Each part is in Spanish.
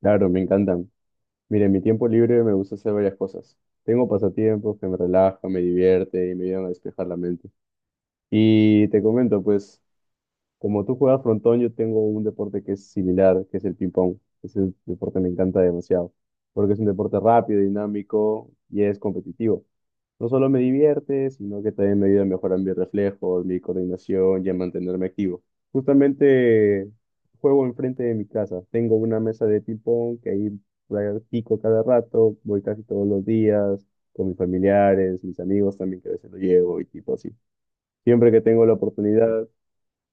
Claro, me encantan. Mire, en mi tiempo libre me gusta hacer varias cosas. Tengo pasatiempos que me relajan, me divierten y me ayudan a despejar la mente. Y te comento, pues, como tú juegas frontón, yo tengo un deporte que es similar, que es el ping-pong. Ese deporte me encanta demasiado, porque es un deporte rápido, dinámico y es competitivo. No solo me divierte, sino que también me ayuda a mejorar mis reflejos, mi coordinación y a mantenerme activo. Justamente juego enfrente de mi casa. Tengo una mesa de ping-pong que ahí practico cada rato, voy casi todos los días con mis familiares, mis amigos también que a veces lo llevo y tipo así. Siempre que tengo la oportunidad,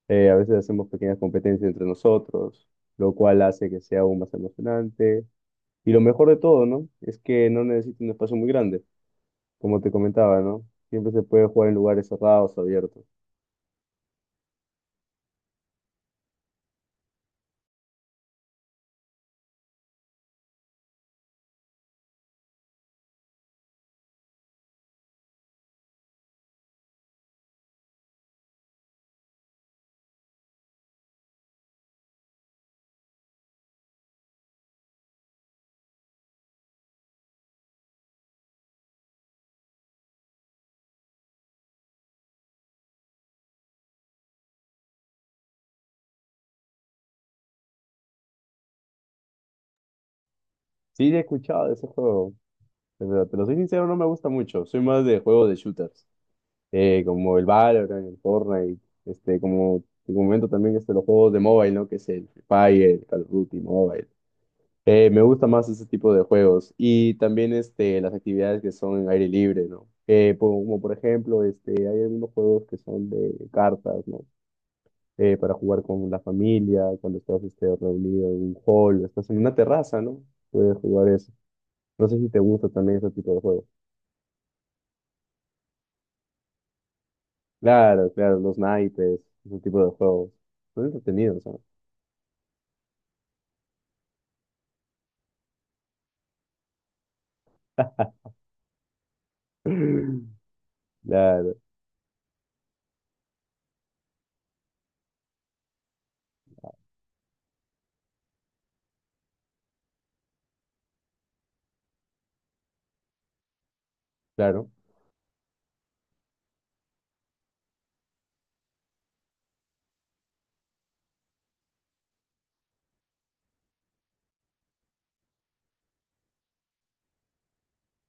a veces hacemos pequeñas competencias entre nosotros, lo cual hace que sea aún más emocionante. Y lo mejor de todo, ¿no? Es que no necesita un espacio muy grande, como te comentaba, ¿no? Siempre se puede jugar en lugares cerrados, abiertos. Sí, he escuchado de ese juego, pero te lo soy sincero, no me gusta mucho. Soy más de juegos de shooters, como el Valorant, el Fortnite, como te comento también, los juegos de mobile, ¿no? Que es el Free Fire, el Call of Duty Mobile. Me gusta más ese tipo de juegos y también, las actividades que son en aire libre, ¿no? Como por ejemplo, hay algunos juegos que son de cartas, ¿no? Para jugar con la familia, cuando estás, reunido en un hall, o estás en una terraza, ¿no? Puedes jugar eso. No sé si te gusta también ese tipo de juegos. Claro, claro, los naipes, ese tipo de juegos. Son entretenidos, ¿no? Claro, claro.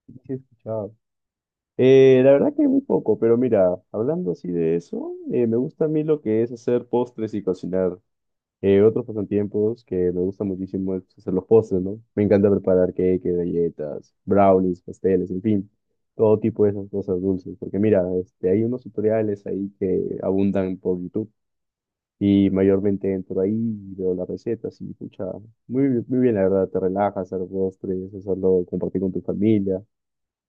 Sí, he escuchado. La verdad que muy poco, pero mira, hablando así de eso, me gusta a mí lo que es hacer postres y cocinar. Otros pasatiempos que me gusta muchísimo es hacer los postres, ¿no? Me encanta preparar cake, galletas, brownies, pasteles, en fin, todo tipo de esas cosas dulces. Porque mira, hay unos tutoriales ahí que abundan por YouTube y mayormente entro ahí y veo las recetas y, pucha, muy, muy bien, la verdad, te relajas hacer postres, hacerlo, compartir con tu familia.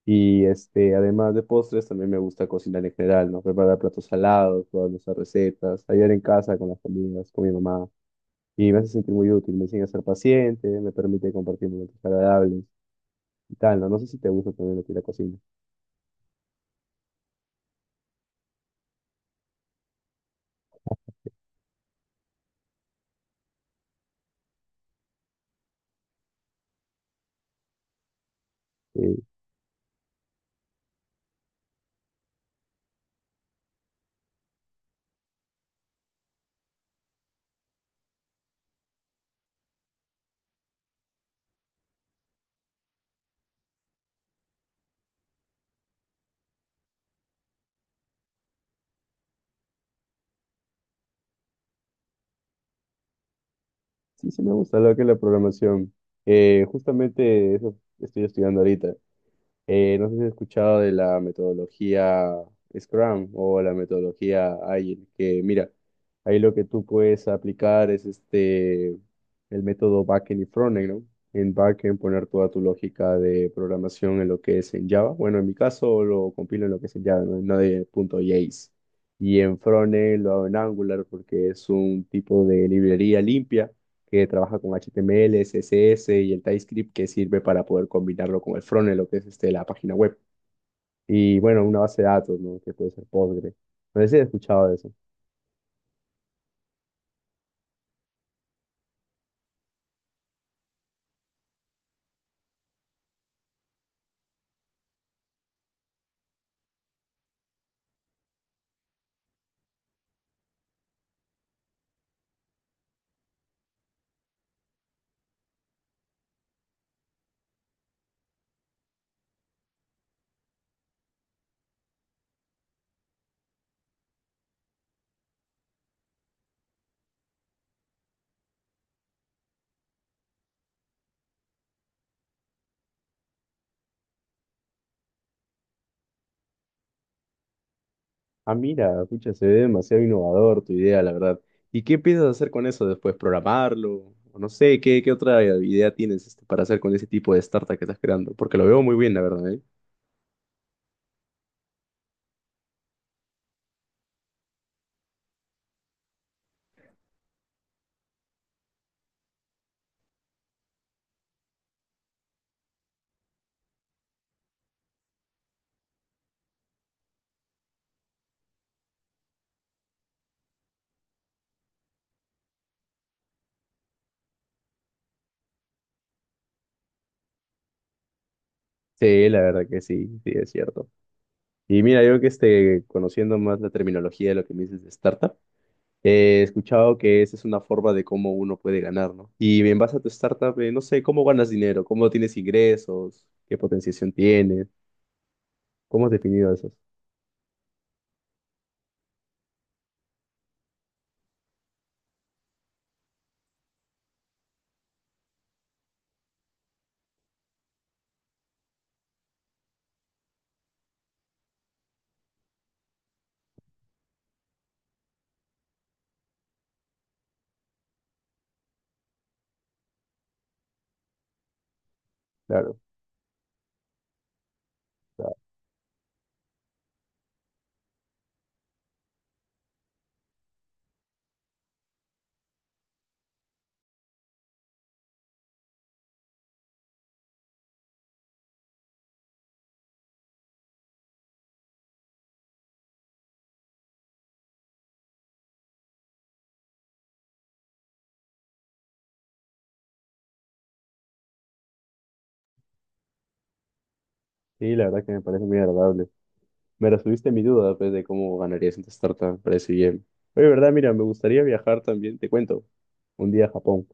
Y, además de postres, también me gusta cocinar en general, ¿no? Preparar platos salados, probar nuestras recetas, ayudar en casa con las comidas, con mi mamá. Y me hace sentir muy útil, me enseña a ser paciente, me permite compartir momentos agradables y tal, ¿no? No sé si te gusta también lo que es la cocina. Eh, sí, sí me gusta lo que es la programación. Justamente eso estoy estudiando ahorita. No sé si has escuchado de la metodología Scrum o la metodología Agile, que mira, ahí lo que tú puedes aplicar es, el método backend y frontend, ¿no? En backend poner toda tu lógica de programación en lo que es en Java. Bueno, en mi caso lo compilo en lo que es en Java, no, no de punto .js. Y en frontend lo hago en Angular porque es un tipo de librería limpia que trabaja con HTML, CSS y el TypeScript que sirve para poder combinarlo con el frontend, lo que es, la página web. Y bueno, una base de datos, ¿no? Que puede ser Postgre. No sé si he escuchado de eso. Ah, mira, escucha, se ve demasiado innovador tu idea, la verdad. ¿Y qué piensas hacer con eso después? ¿Programarlo? O no sé, ¿qué otra idea tienes, para hacer con ese tipo de startup que estás creando? Porque lo veo muy bien, la verdad, ¿eh? Sí, la verdad que sí, sí, es cierto. Y mira, yo que esté conociendo más la terminología de lo que me dices de startup, he escuchado que esa es una forma de cómo uno puede ganar, ¿no? Y en base a tu startup, no sé, ¿cómo ganas dinero? ¿Cómo tienes ingresos? ¿Qué potenciación tienes? ¿Cómo has definido eso? Claro, claro. Sí, la verdad que me parece muy agradable. Me resolviste mi duda, pues, de cómo ganarías en tu startup. Me parece bien. Oye, ¿verdad? Mira, me gustaría viajar también, te cuento, un día a Japón.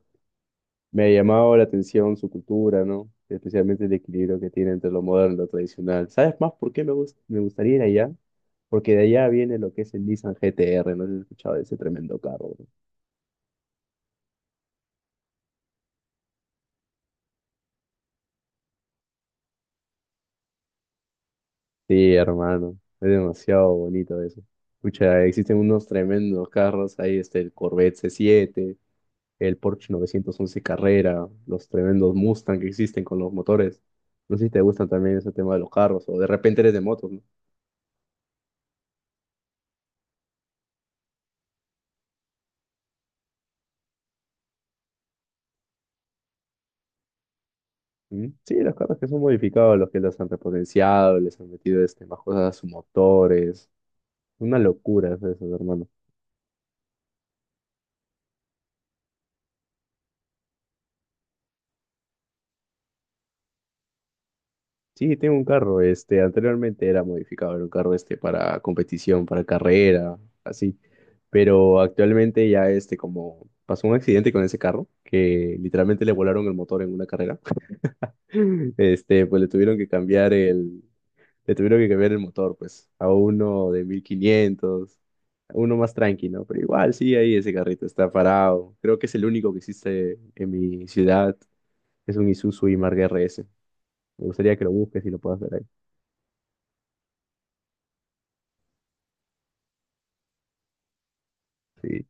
Me ha llamado la atención su cultura, ¿no? Especialmente el equilibrio que tiene entre lo moderno y lo tradicional. ¿Sabes más por qué me gustaría ir allá? Porque de allá viene lo que es el Nissan GT-R, no sé si has escuchado de ese tremendo carro. Bro. Sí, hermano, es demasiado bonito eso. Escucha, existen unos tremendos carros, ahí está el Corvette C7, el Porsche 911 Carrera, los tremendos Mustang que existen con los motores. No sé si te gustan también ese tema de los carros, o de repente eres de motos, ¿no? Mm, sí, los carros que son modificados, los que los han repotenciado, les han metido, más cosas a sus motores. Una locura es eso, hermano. Sí, tengo un carro, anteriormente era modificado, era un carro este para competición, para carrera, así. Pero actualmente ya, como pasó un accidente con ese carro, que literalmente le volaron el motor en una carrera, pues le tuvieron que cambiar el motor, pues, a uno de 1500, uno más tranqui, ¿no? Pero igual sí, ahí ese carrito está parado. Creo que es el único que existe en mi ciudad, es un Isuzu y R S. Me gustaría que lo busques y lo puedas ver ahí. Sí.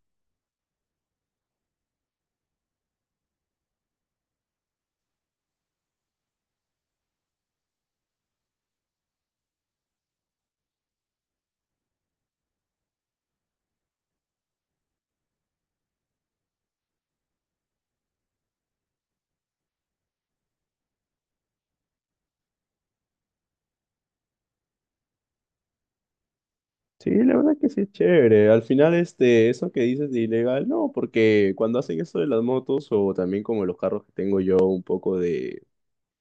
Sí, la verdad que sí es chévere. Al final, eso que dices de ilegal, no, porque cuando hacen eso de las motos o también como los carros que tengo yo un poco de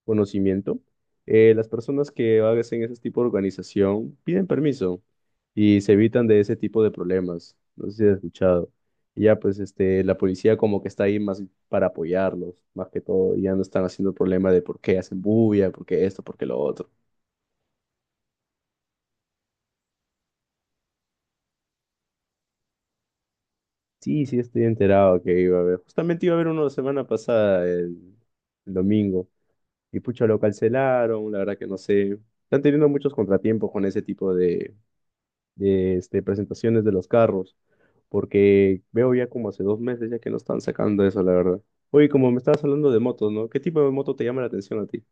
conocimiento, las personas que hacen ese tipo de organización piden permiso y se evitan de ese tipo de problemas. No sé si has escuchado. Y ya, pues, la policía como que está ahí más para apoyarlos, más que todo, y ya no están haciendo el problema de por qué hacen bulla, por qué esto, por qué lo otro. Sí, sí, estoy enterado que iba a haber. Justamente iba a haber uno la semana pasada, el domingo. Y pucha, lo cancelaron, la verdad que no sé. Están teniendo muchos contratiempos con ese tipo de presentaciones de los carros, porque veo ya como hace 2 meses ya que no están sacando eso, la verdad. Oye, como me estabas hablando de motos, ¿no? ¿Qué tipo de moto te llama la atención a ti?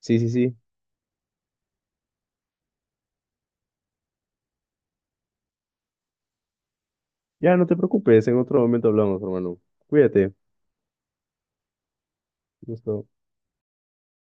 Sí, sí, sí. Ya, no te preocupes, en otro momento hablamos, hermano. Cuídate. Gusto.